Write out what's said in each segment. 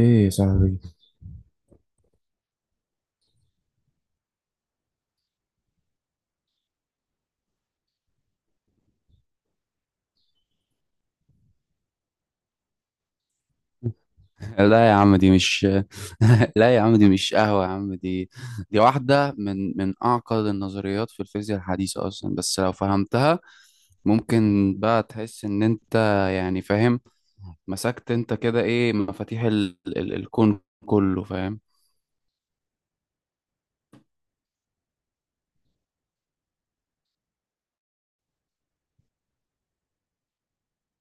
ايه يا صاحبي. لا يا عم دي مش لا يا عم دي مش قهوة يا عم. دي دي واحدة من أعقد النظريات في الفيزياء الحديثة أصلا، بس لو فهمتها ممكن بقى تحس إن أنت يعني فاهم، مسكت أنت كده إيه مفاتيح الكون كله فاهم.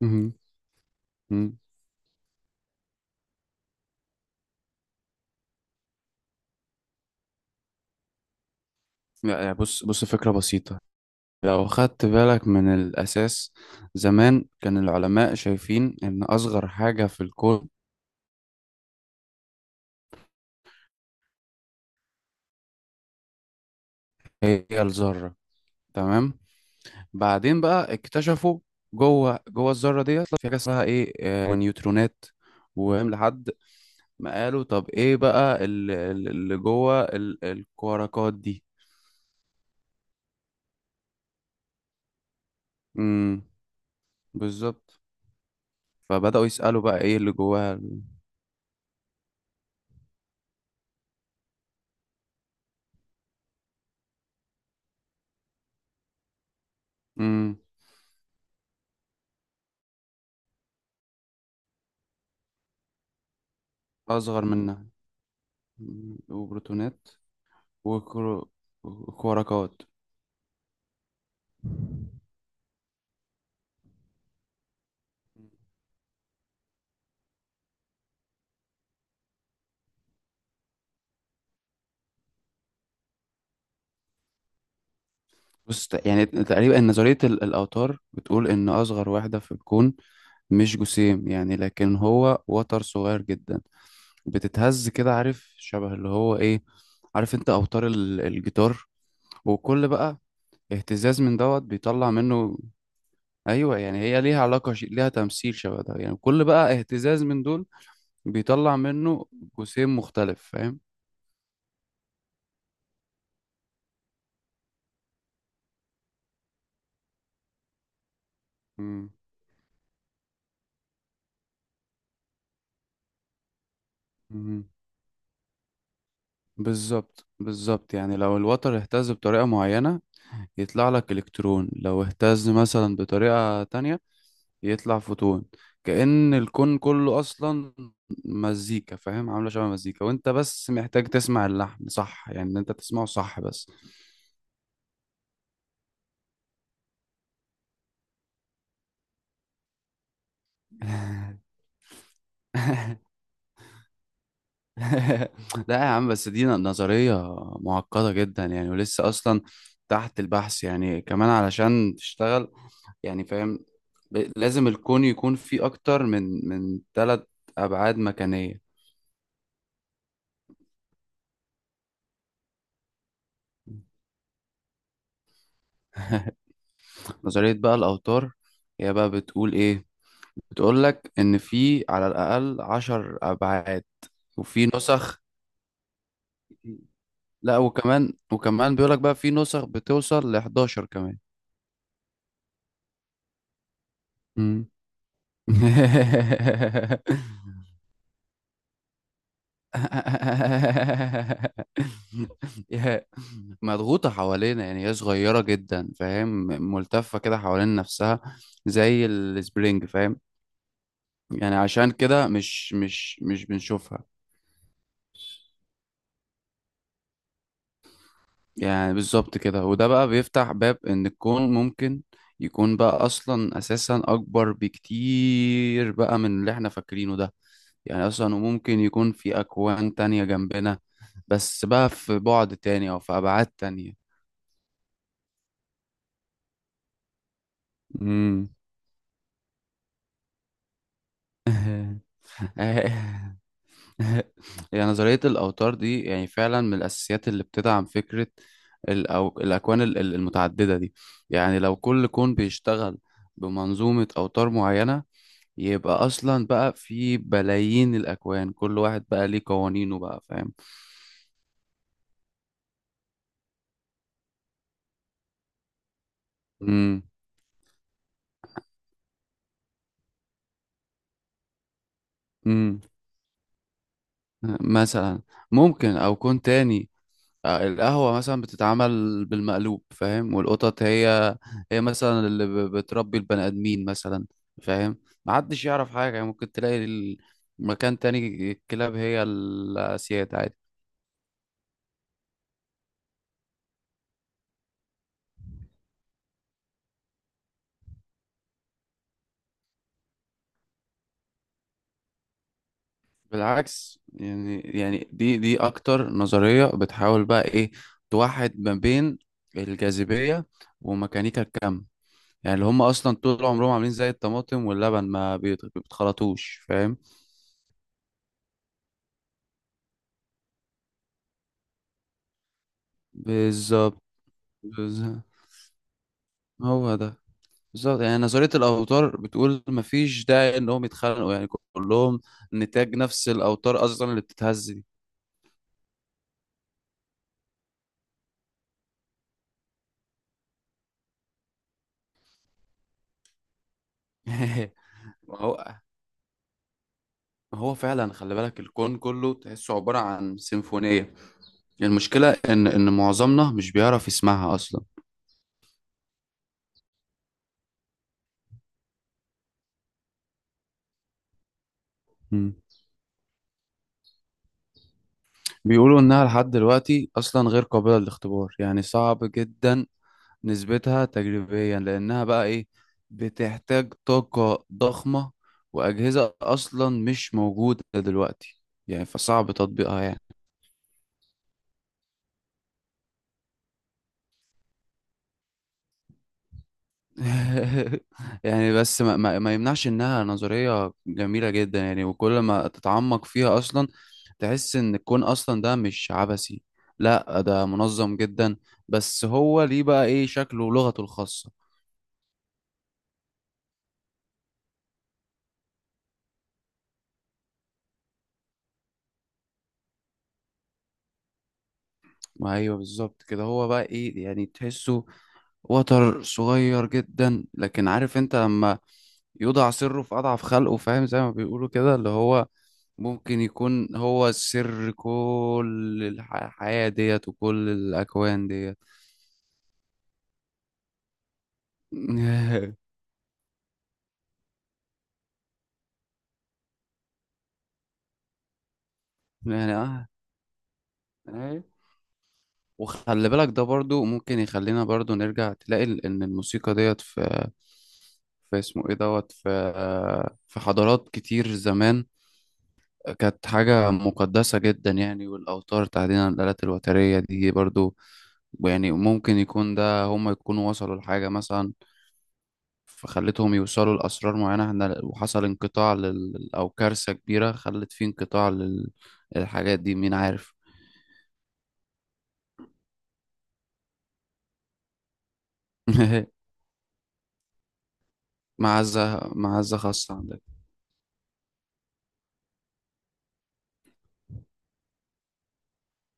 مهم. مم. لا، يعني بص فكرة بسيطة. لو خدت بالك من الأساس، زمان كان العلماء شايفين إن أصغر حاجة في الكون هي الذرة. تمام. بعدين بقى اكتشفوا جوه الذره ديت في حاجه اسمها ايه نيوترونات. وهم لحد ما قالوا طب ايه بقى اللي جوه الكواركات دي. امم بالظبط. فبداوا يسالوا بقى ايه اللي جواها. امم اصغر منها. مم، وبروتونات. وكرو- وكواركات. بص يعني تقريبا نظريه الاوتار بتقول ان اصغر واحده في الكون مش جسيم، يعني لكن هو وتر صغير جدا بتتهز كده. عارف شبه اللي هو ايه؟ عارف انت اوتار الجيتار؟ وكل بقى اهتزاز من دوت بيطلع منه. ايوه يعني هي ليها ليها تمثيل شبه ده، يعني كل بقى اهتزاز من دول بيطلع منه جسيم مختلف، فاهم. مم. مم. بالظبط بالظبط، يعني لو الوتر اهتز بطريقة معينة يطلع لك الكترون، لو اهتز مثلا بطريقة تانية يطلع فوتون. كأن الكون كله أصلا مزيكا فاهم، عاملة شبه مزيكا، وأنت بس محتاج تسمع اللحن صح، يعني إن أنت تسمعه صح بس. لا يا عم، بس دي نظرية معقدة جدا يعني، ولسه أصلا تحت البحث. يعني كمان علشان تشتغل، يعني فاهم، لازم الكون يكون فيه أكتر من 3 أبعاد مكانية. نظرية بقى الأوتار هي بقى بتقول إيه؟ بتقول لك ان في على الاقل 10 ابعاد وفي نسخ. لا، وكمان وكمان بيقول لك بقى في نسخ بتوصل ل 11 كمان. مم. يا- مضغوطة حوالينا، يعني هي صغيرة جدا فاهم، ملتفة كده حوالين نفسها زي السبرينج فاهم. يعني عشان كده مش بنشوفها. يعني بالظبط كده، وده بقى بيفتح باب ان الكون ممكن يكون بقى اصلا اساسا اكبر بكتير بقى من اللي احنا فاكرينه ده. يعني اصلا وممكن يكون في اكوان تانية جنبنا، بس بقى في بعد تاني او في ابعاد تانية. امم يعني نظرية الأوتار دي يعني فعلا من الأساسيات اللي بتدعم فكرة أو الأكوان المتعددة دي. يعني لو كل كون بيشتغل بمنظومة أوتار معينة، يبقى اصلا بقى في بلايين الاكوان، كل واحد بقى ليه قوانينه بقى فاهم. امم امم مثلا. ممكن او كون تاني، آه، القهوة مثلا بتتعمل بالمقلوب فاهم، والقطط هي هي مثلا اللي بتربي البني آدمين مثلا فاهم. محدش يعرف حاجة. يعني ممكن تلاقي مكان تاني الكلاب هي السيد عادي. بالعكس، يعني يعني دي اكتر نظرية بتحاول بقى ايه؟ توحد ما بين الجاذبية وميكانيكا الكم. يعني اللي هم اصلا طول عمرهم عاملين زي الطماطم واللبن ما بيتخلطوش، فاهم. بالظبط بالظبط. هو ده بالظبط، يعني نظرية الأوتار بتقول مفيش داعي إنهم يتخانقوا، يعني كلهم نتاج نفس الأوتار أصلا اللي بتتهز دي. ما هو ما هو فعلا، خلي بالك الكون كله تحسه عبارة عن سيمفونية. المشكلة إن معظمنا مش بيعرف يسمعها أصلا. مم. بيقولوا إنها لحد دلوقتي أصلا غير قابلة للاختبار، يعني صعب جدا نسبتها تجريبيا لأنها بقى إيه؟ بتحتاج طاقة ضخمة، وأجهزة أصلا مش موجودة دلوقتي، يعني فصعب تطبيقها يعني. يعني بس ما يمنعش انها نظرية جميلة جدا، يعني وكل ما تتعمق فيها اصلا تحس ان الكون اصلا ده مش عبثي، لا ده منظم جدا، بس هو ليه بقى ايه شكله ولغته الخاصة. ما ايوه، بالظبط كده، هو بقى ايه يعني، تحسه وتر صغير جدا، لكن عارف انت لما يوضع سره في اضعف خلقه، فاهم زي ما بيقولوا كده، اللي هو ممكن يكون هو السر كل الحياة ديت وكل الأكوان ديت. يعني اه. آه. وخلي بالك ده برضو ممكن يخلينا برضو نرجع تلاقي إن الموسيقى ديت في اسمه إيه دوت في في حضارات كتير زمان كانت حاجة مقدسة جدا، يعني والأوتار تحديدا الآلات الوترية دي برضو. يعني ممكن يكون ده هم يكونوا وصلوا لحاجة مثلا فخلتهم يوصلوا لأسرار معينة احنا، وحصل انقطاع أو كارثة كبيرة خلت فيه انقطاع للحاجات دي، مين عارف. معزة معزة خاصة عندك.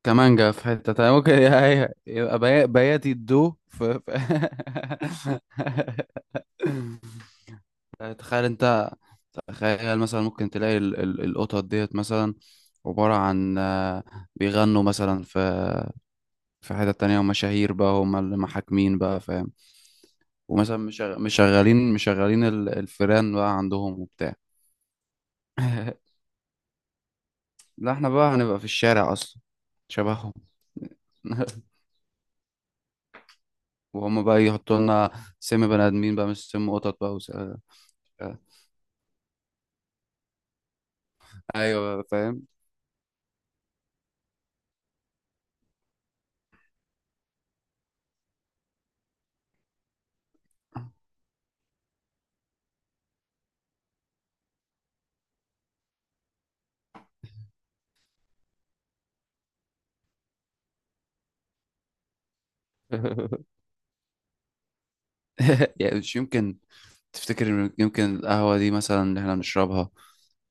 كمانجا في حتة تانية ممكن يبقى بياتي الدو تخيل انت، تخيل مثلا ممكن تلاقي القطط ديت مثلا عبارة عن بيغنوا مثلا في في حتة تانية، ومشاهير بقى هم اللي محاكمين بقى فاهم. ومثلا مشغلين الفيران بقى عندهم وبتاع. لا احنا بقى هنبقى في الشارع اصلا شبههم. وهم بقى يحطوا لنا سم بني ادمين بقى، مش سم قطط بقى، وس... آه، ايوه بقى، فاهم. يعني مش يمكن تفتكر إن يمكن القهوة دي مثلا اللي احنا بنشربها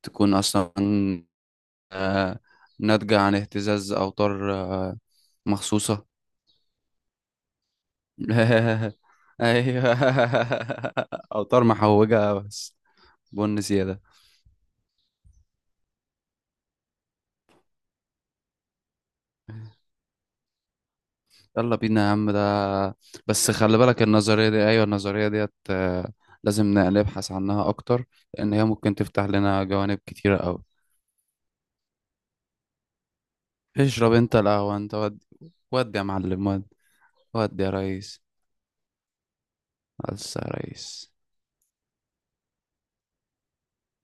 تكون أصلا آه، ناتجة عن اهتزاز أوتار مخصوصة؟ أيوه، أوتار محوجة بس، بن زيادة. يلا بينا يا عم ده. بس خلي بالك النظرية دي، أيوة النظرية ديت لازم نبحث عنها أكتر، لأن هي ممكن تفتح لنا جوانب كتيرة أوي. اشرب أنت القهوة أنت. ودي ودي يا معلم، ودي ودي يا ريس. بس يا ريس.